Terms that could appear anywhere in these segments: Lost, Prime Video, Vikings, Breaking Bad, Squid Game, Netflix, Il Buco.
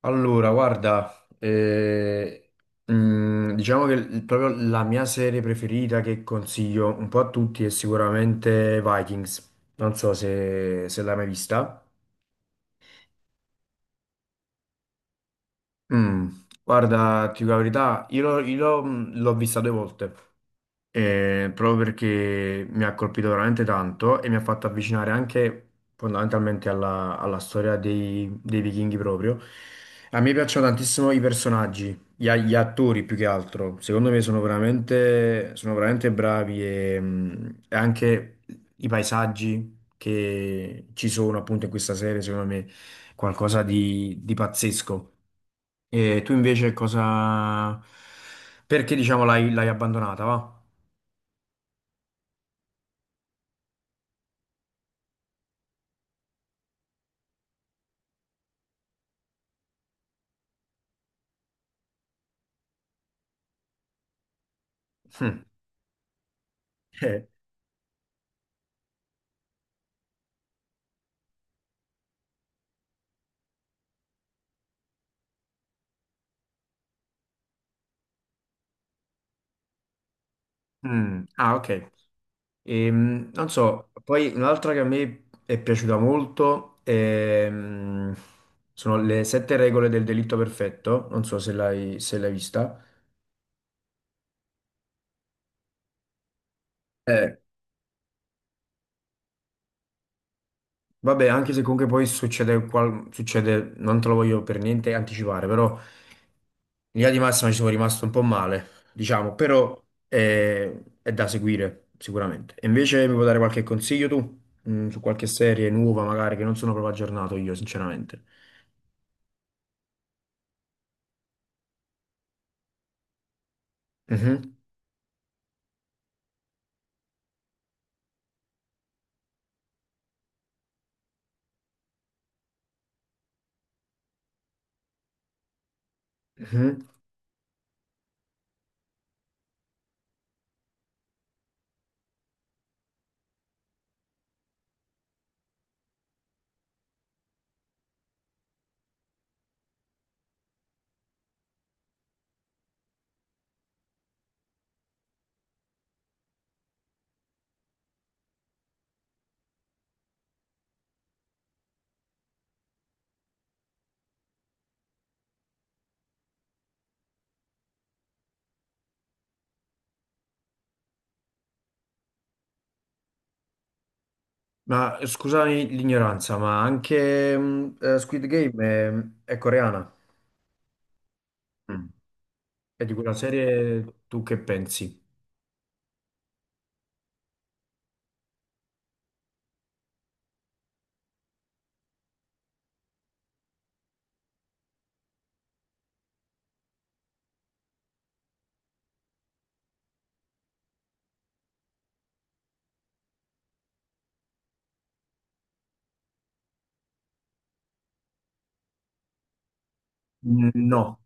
Allora, guarda, diciamo che proprio la mia serie preferita che consiglio un po' a tutti è sicuramente Vikings. Non so se l'hai mai vista. Mm, guarda, ti dico la verità, l'ho vista due volte. Proprio perché mi ha colpito veramente tanto e mi ha fatto avvicinare anche fondamentalmente alla storia dei vichinghi proprio. A me piacciono tantissimo i personaggi, gli attori più che altro. Secondo me sono veramente bravi e anche i paesaggi che ci sono appunto in questa serie, secondo me, qualcosa di pazzesco. E tu invece cosa... Perché diciamo l'hai abbandonata, va? Eh, mm, ah, ok. Non so, poi un'altra che a me è piaciuta molto sono le sette regole del delitto perfetto. Non so se l'hai vista. Eh, vabbè, anche se comunque poi succede, succede, non te lo voglio per niente anticipare, però in linea di massima ci sono rimasto un po' male, diciamo, però è da seguire sicuramente. E invece mi puoi dare qualche consiglio tu, su qualche serie nuova magari che non sono proprio aggiornato io, sinceramente. Mhm, mhm. Ma scusami l'ignoranza, ma anche Squid Game è coreana. Mm. E di quella serie tu che pensi? Mm, no.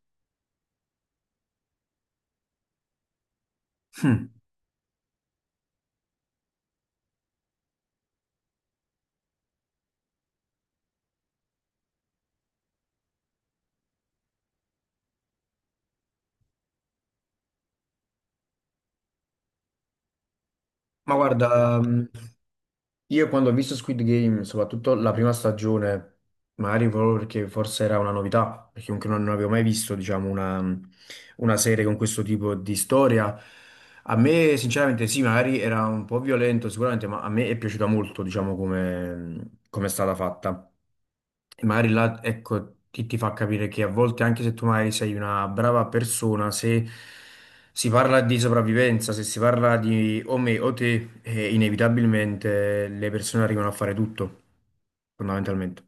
Hm. Ma guarda, io quando ho visto Squid Game, soprattutto la prima stagione, magari proprio perché forse era una novità, perché comunque non avevo mai visto, diciamo, una serie con questo tipo di storia. A me, sinceramente, sì, magari era un po' violento sicuramente, ma a me è piaciuta molto, diciamo, come è stata fatta. E magari là, ecco, ti fa capire che a volte, anche se tu magari sei una brava persona, se si parla di sopravvivenza, se si parla di o me o te, inevitabilmente le persone arrivano a fare tutto, fondamentalmente.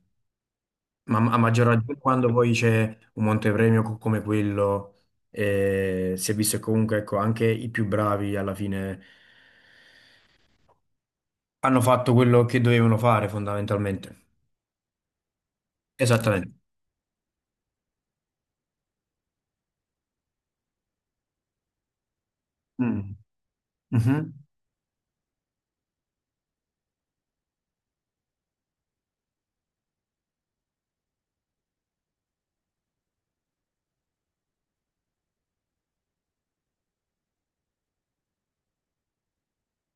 Ma a maggior ragione quando poi c'è un montepremio come quello, si è visto che comunque, ecco, anche i più bravi alla fine hanno fatto quello che dovevano fare, fondamentalmente. Esattamente. Mm. Mhm.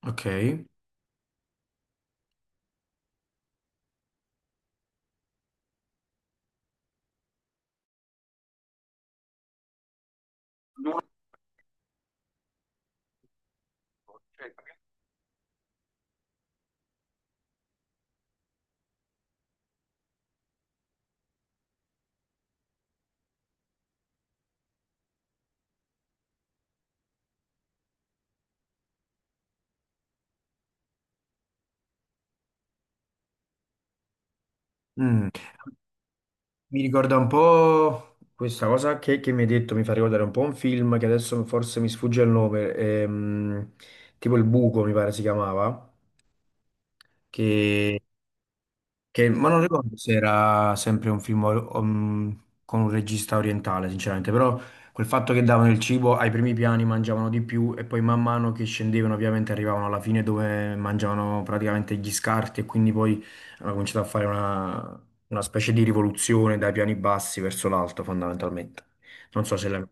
Ok. Mm. Mi ricorda un po' questa cosa che mi hai detto, mi fa ricordare un po' un film che adesso forse mi sfugge il nome, tipo Il Buco mi pare si chiamava, che ma non ricordo se era sempre un film con un regista orientale, sinceramente, però quel fatto che davano il cibo ai primi piani mangiavano di più e poi man mano che scendevano ovviamente arrivavano alla fine dove mangiavano praticamente gli scarti e quindi poi hanno cominciato a fare una specie di rivoluzione dai piani bassi verso l'alto fondamentalmente. Non so se l'hai...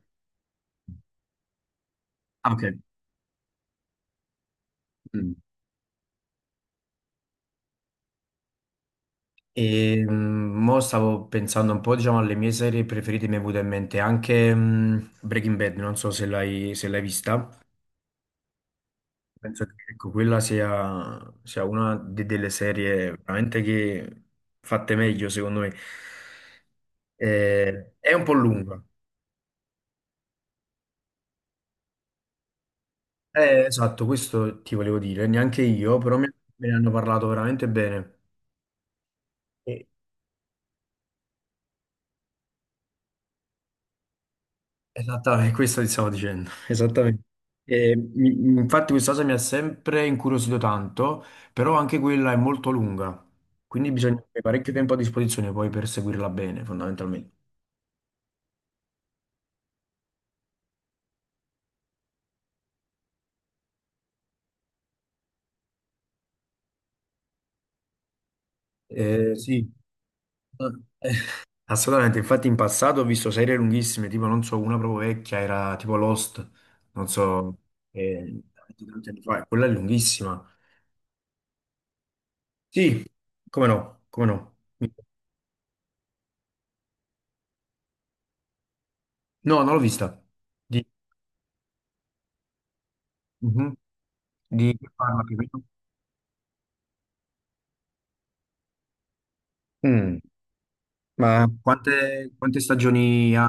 Ah, ok. Mm. E mo stavo pensando un po', diciamo, alle mie serie preferite, mi è venuta in mente anche Breaking Bad, non so se l'hai vista. Penso che ecco, quella sia una delle serie veramente che fatte meglio, secondo me. È un po' lunga. Esatto, questo ti volevo dire, neanche io, però me ne hanno parlato veramente bene. Esattamente, questo ti stavo dicendo, esattamente. E infatti questa cosa mi ha sempre incuriosito tanto, però anche quella è molto lunga, quindi bisogna avere parecchio tempo a disposizione poi per seguirla bene, fondamentalmente. Sì, assolutamente, infatti in passato ho visto serie lunghissime, tipo non so, una proprio vecchia era tipo Lost, non so, tanti tanti anni fa, quella è lunghissima. Sì, come no, come no. No, non l'ho vista. Di... Mhm. Di che parla più o meno? Mm, ma quante stagioni ha?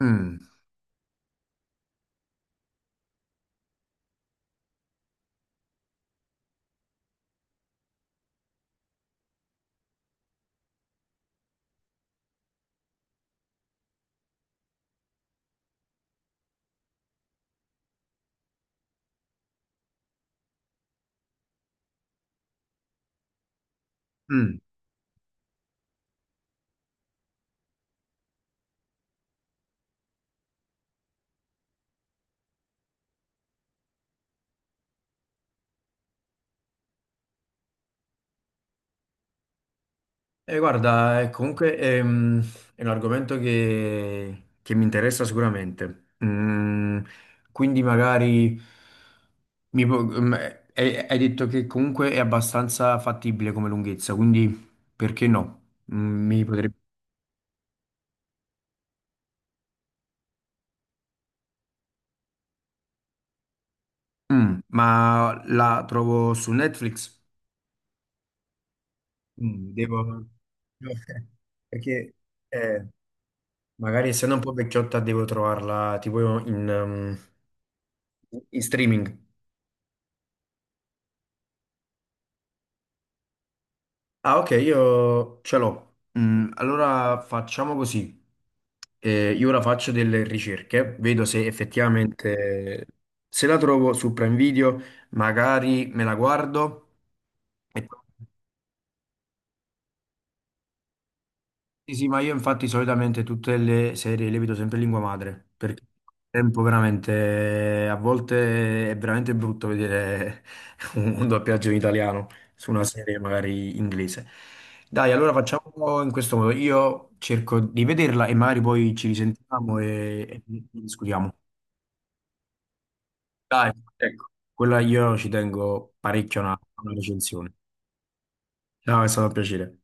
Mm, mm. E guarda, comunque un argomento che mi interessa sicuramente. Mm, quindi magari hai detto che comunque è abbastanza fattibile come lunghezza, quindi perché no? Mm, mi potrebbe... Mm, ma la trovo su Netflix? Mm, devo... Perché... eh, Magari essendo un po' vecchiotta devo trovarla tipo in streaming. Ah, ok, io ce l'ho. Mm, allora facciamo così. Io ora faccio delle ricerche, vedo se effettivamente se la trovo su Prime Video, magari me la guardo e poi... Sì, sì, ma io infatti solitamente tutte le serie le vedo sempre in lingua madre, perché il tempo veramente, a volte è veramente brutto vedere un doppiaggio in italiano su una serie magari inglese. Dai, allora facciamo in questo modo, io cerco di vederla e magari poi ci risentiamo e discutiamo. Dai, ecco, quella io ci tengo parecchio a una recensione. Ciao, è stato un piacere.